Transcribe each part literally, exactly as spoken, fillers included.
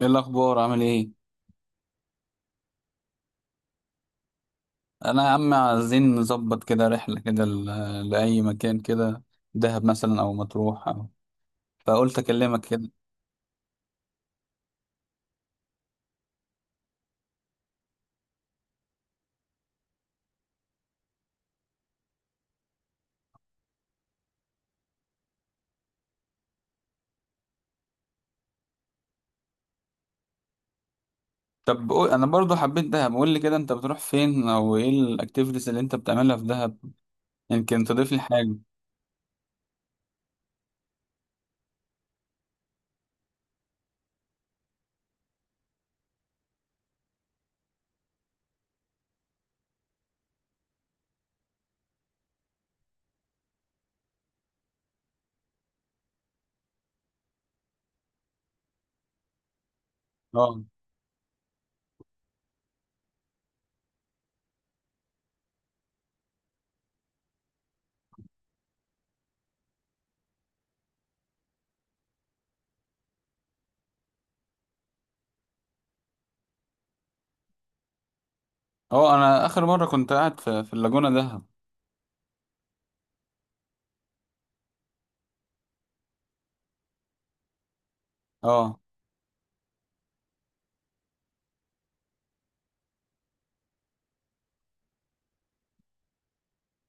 ايه الاخبار عامل ايه؟ انا يا عم عايزين نظبط كده رحله كده ل- لاي مكان كده. دهب مثلا او مطروح أو. فقلت اكلمك كده. طب قول- انا برضو حبيت دهب، قول لي كده انت بتروح فين او ايه الاكتيفيتيز اللي انت بتعملها في دهب؟ يمكن تضيف لي حاجه. اه. اه، انا اخر مره كنت قاعد في, في اللاجونه دهب. اه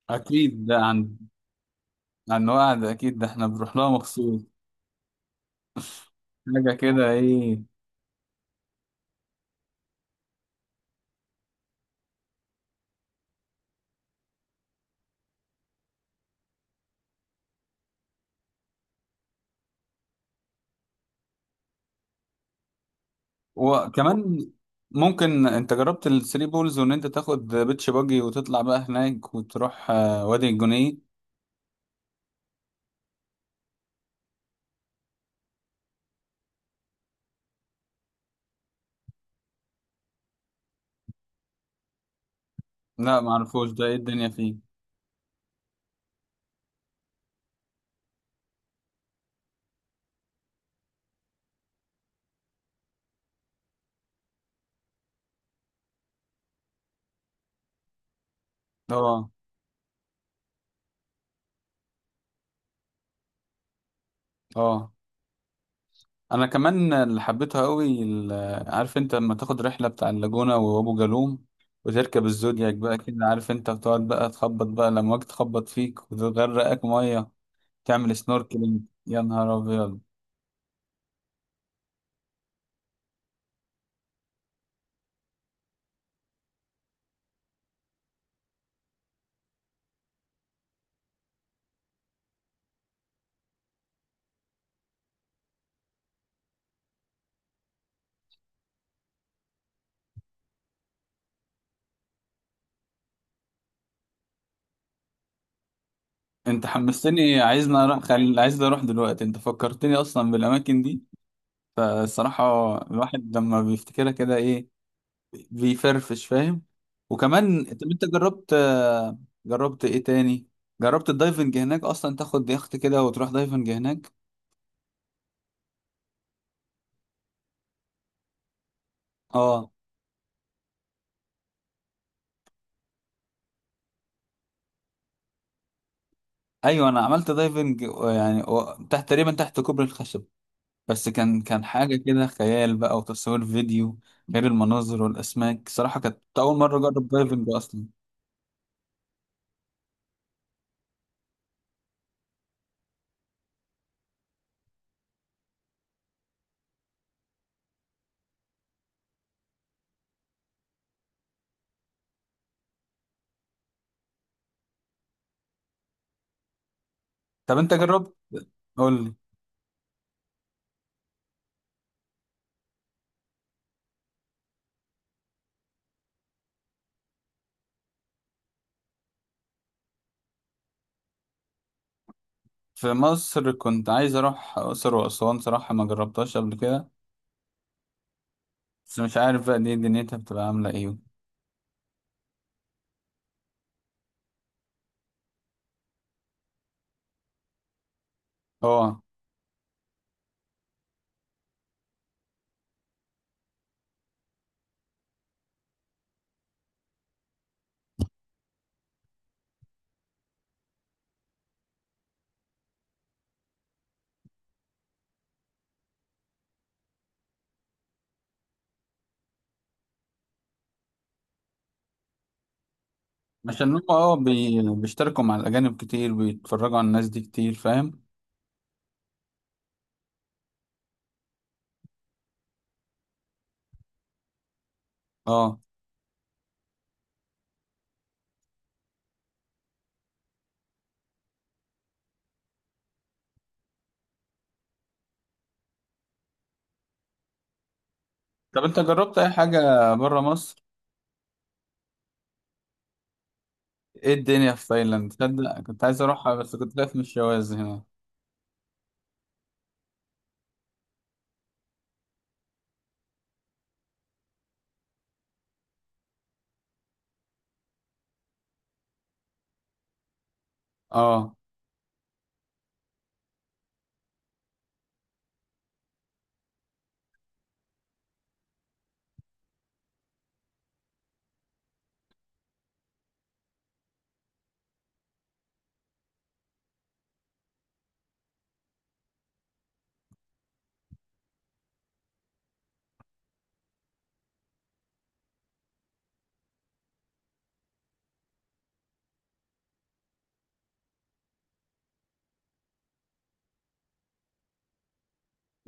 اكيد ده عن، عن وعد، اكيد ده احنا بنروح لها مخصوص. حاجه كده ايه؟ وكمان ممكن انت جربت الثري بولز، وان انت تاخد بيتش باجي وتطلع بقى هناك وتروح آه، وادي الجنيه. لا معرفوش ده، ايه الدنيا فيه؟ اه. اه انا كمان اللي حبيتها قوي ال- عارف انت لما تاخد رحله بتاع اللاجونه وابو جالوم، وتركب الزودياك بقى كده، عارف انت بتقعد بقى تخبط بقى لما واجي تخبط فيك وتغرقك ميه. تعمل سنوركلينج. يا نهار ابيض، انت حمستني، عايزني اروح خل... عايز اروح دلوقتي، انت فكرتني اصلا بالاماكن دي. فالصراحة الواحد لما بيفتكرها كده ايه، بيفرفش، فاهم؟ وكمان طب انت جربت، جربت ايه تاني؟ جربت الدايفنج هناك اصلا؟ تاخد يخت كده وتروح دايفنج هناك. اه ايوه انا عملت دايفنج، آه، يعني آه، تحت، تقريبا تحت كوبري الخشب. بس كان كان حاجة كده خيال بقى، وتصوير فيديو. غير المناظر والاسماك، صراحة كانت اول مرة اجرب دايفنج اصلا. طب انت جربت؟ قول لي. في مصر كنت عايز اروح اقصر واسوان، صراحة ما جربتهاش قبل كده. بس مش عارف بقى دي دنيتها بتبقى عاملة ايه. اه، عشان هم اه بي... بيشتركوا مع الأجانب كتير، بيتفرجوا على الناس دي كتير، فاهم؟ اه. طب انت جربت أي حاجة برا مصر؟ ايه الدنيا في تايلاند؟ تصدق كنت عايز أروحها، بس كنت خايف من الشواذ هنا. اه.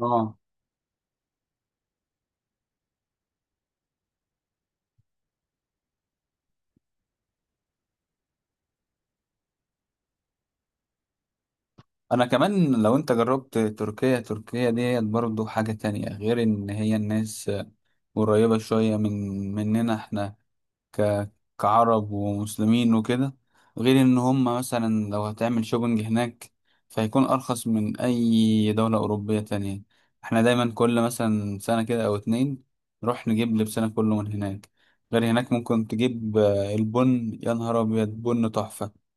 اه أنا كمان، لو انت جربت تركيا، تركيا ديت برضو حاجة تانية، غير إن هي الناس قريبة شوية من، مننا احنا ك... كعرب ومسلمين وكده. غير ان هم مثلا لو هتعمل شوبنج هناك، فهيكون ارخص من اي دولة اوروبية تانية. احنا دايما كل مثلا سنة كده او اتنين نروح نجيب لبسنا كله من هناك. غير هناك ممكن تجيب آه، البن، يا نهار ابيض، بن تحفة.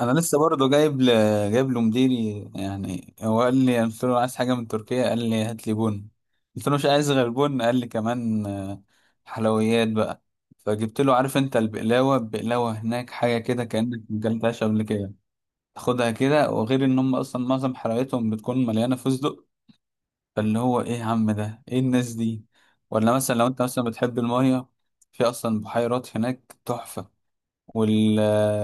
انا لسه برضه جايب ل... جايب له مديري، يعني هو قال لي، قلت له عايز حاجه من تركيا، قال لي هات لي بن، قلت له مش عايز غير بن، قال لي كمان آه، حلويات بقى. فجبت له، عارف انت البقلاوه، البقلاوه هناك حاجه كده كانك ما اكلتهاش قبل كده. تاخدها كده، وغير ان هم اصلا معظم حلوياتهم بتكون مليانه فستق. فاللي هو ايه يا عم، ده ايه الناس دي؟ ولا مثلا لو انت مثلا بتحب الميه، في اصلا بحيرات هناك تحفه. وال...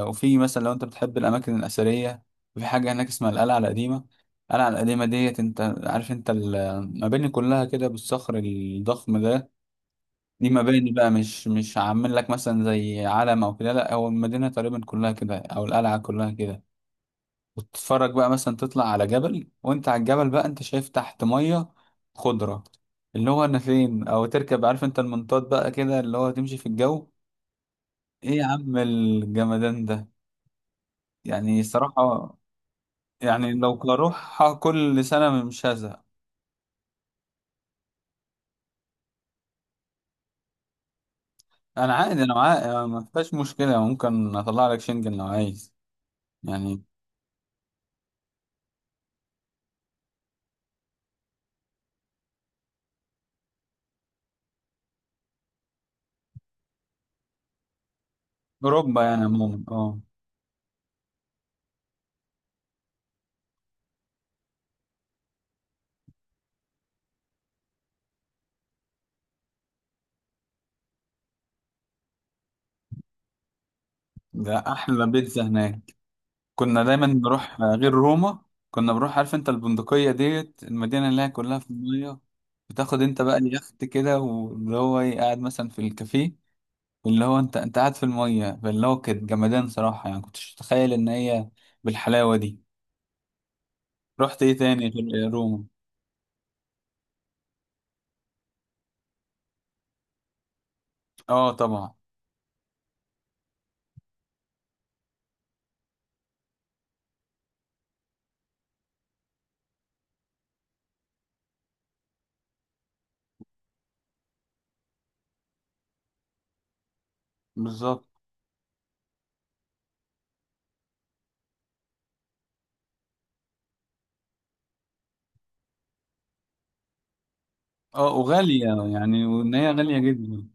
وفي مثلا لو انت بتحب الاماكن الاثريه، في حاجه هناك اسمها القلعه القديمه. القلعه القديمه ديت، انت عارف انت المباني كلها كده بالصخر الضخم ده، دي مباني بقى، مش مش عامل لك مثلا زي علم او كده، لا هو المدينه تقريبا كلها كده، او القلعه كلها كده. وتتفرج بقى مثلا تطلع على جبل، وانت على الجبل بقى انت شايف تحت ميه خضره. اللي هو انا فين، او تركب عارف انت المنطاد بقى كده اللي هو تمشي في الجو. ايه يا عم الجمدان ده؟ يعني صراحة يعني لو اروح كل سنة مش هزهق. انا عادي، انا معايا، يعني ما فيهاش مشكلة، يعني ممكن اطلع لك شنجن لو عايز، يعني. اوروبا يعني عموما، اه. ده احلى بيتزا هناك. كنا دايما بنروح آه، غير روما، كنا بنروح عارف انت البندقية ديت، المدينة اللي هي كلها في المية. بتاخد انت بقى اليخت كده واللي هو ايه قاعد مثلا في الكافيه، واللي هو انت، انت قاعد في المية، فاللي هو كانت جمدان صراحة، يعني كنتش متخيل ان هي بالحلاوة دي. رحت ايه تاني غير روما؟ اه طبعا. بالظبط. اه وغالية. يعني وان هي غالية جدا.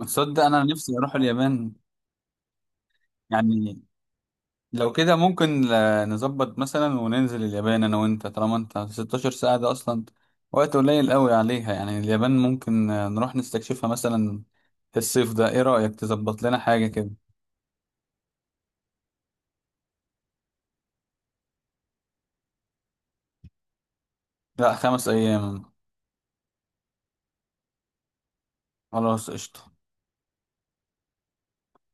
تصدق انا نفسي اروح اليابان. يعني لو كده ممكن آه، نظبط مثلا وننزل اليابان انا وانت، طالما انت ستة عشر ساعة ده اصلا وقت قليل قوي عليها، يعني اليابان ممكن آه، نروح نستكشفها مثلا في الصيف ده. ايه رأيك تظبط لنا حاجة كده؟ لا خمس ايام. خلاص قشطة.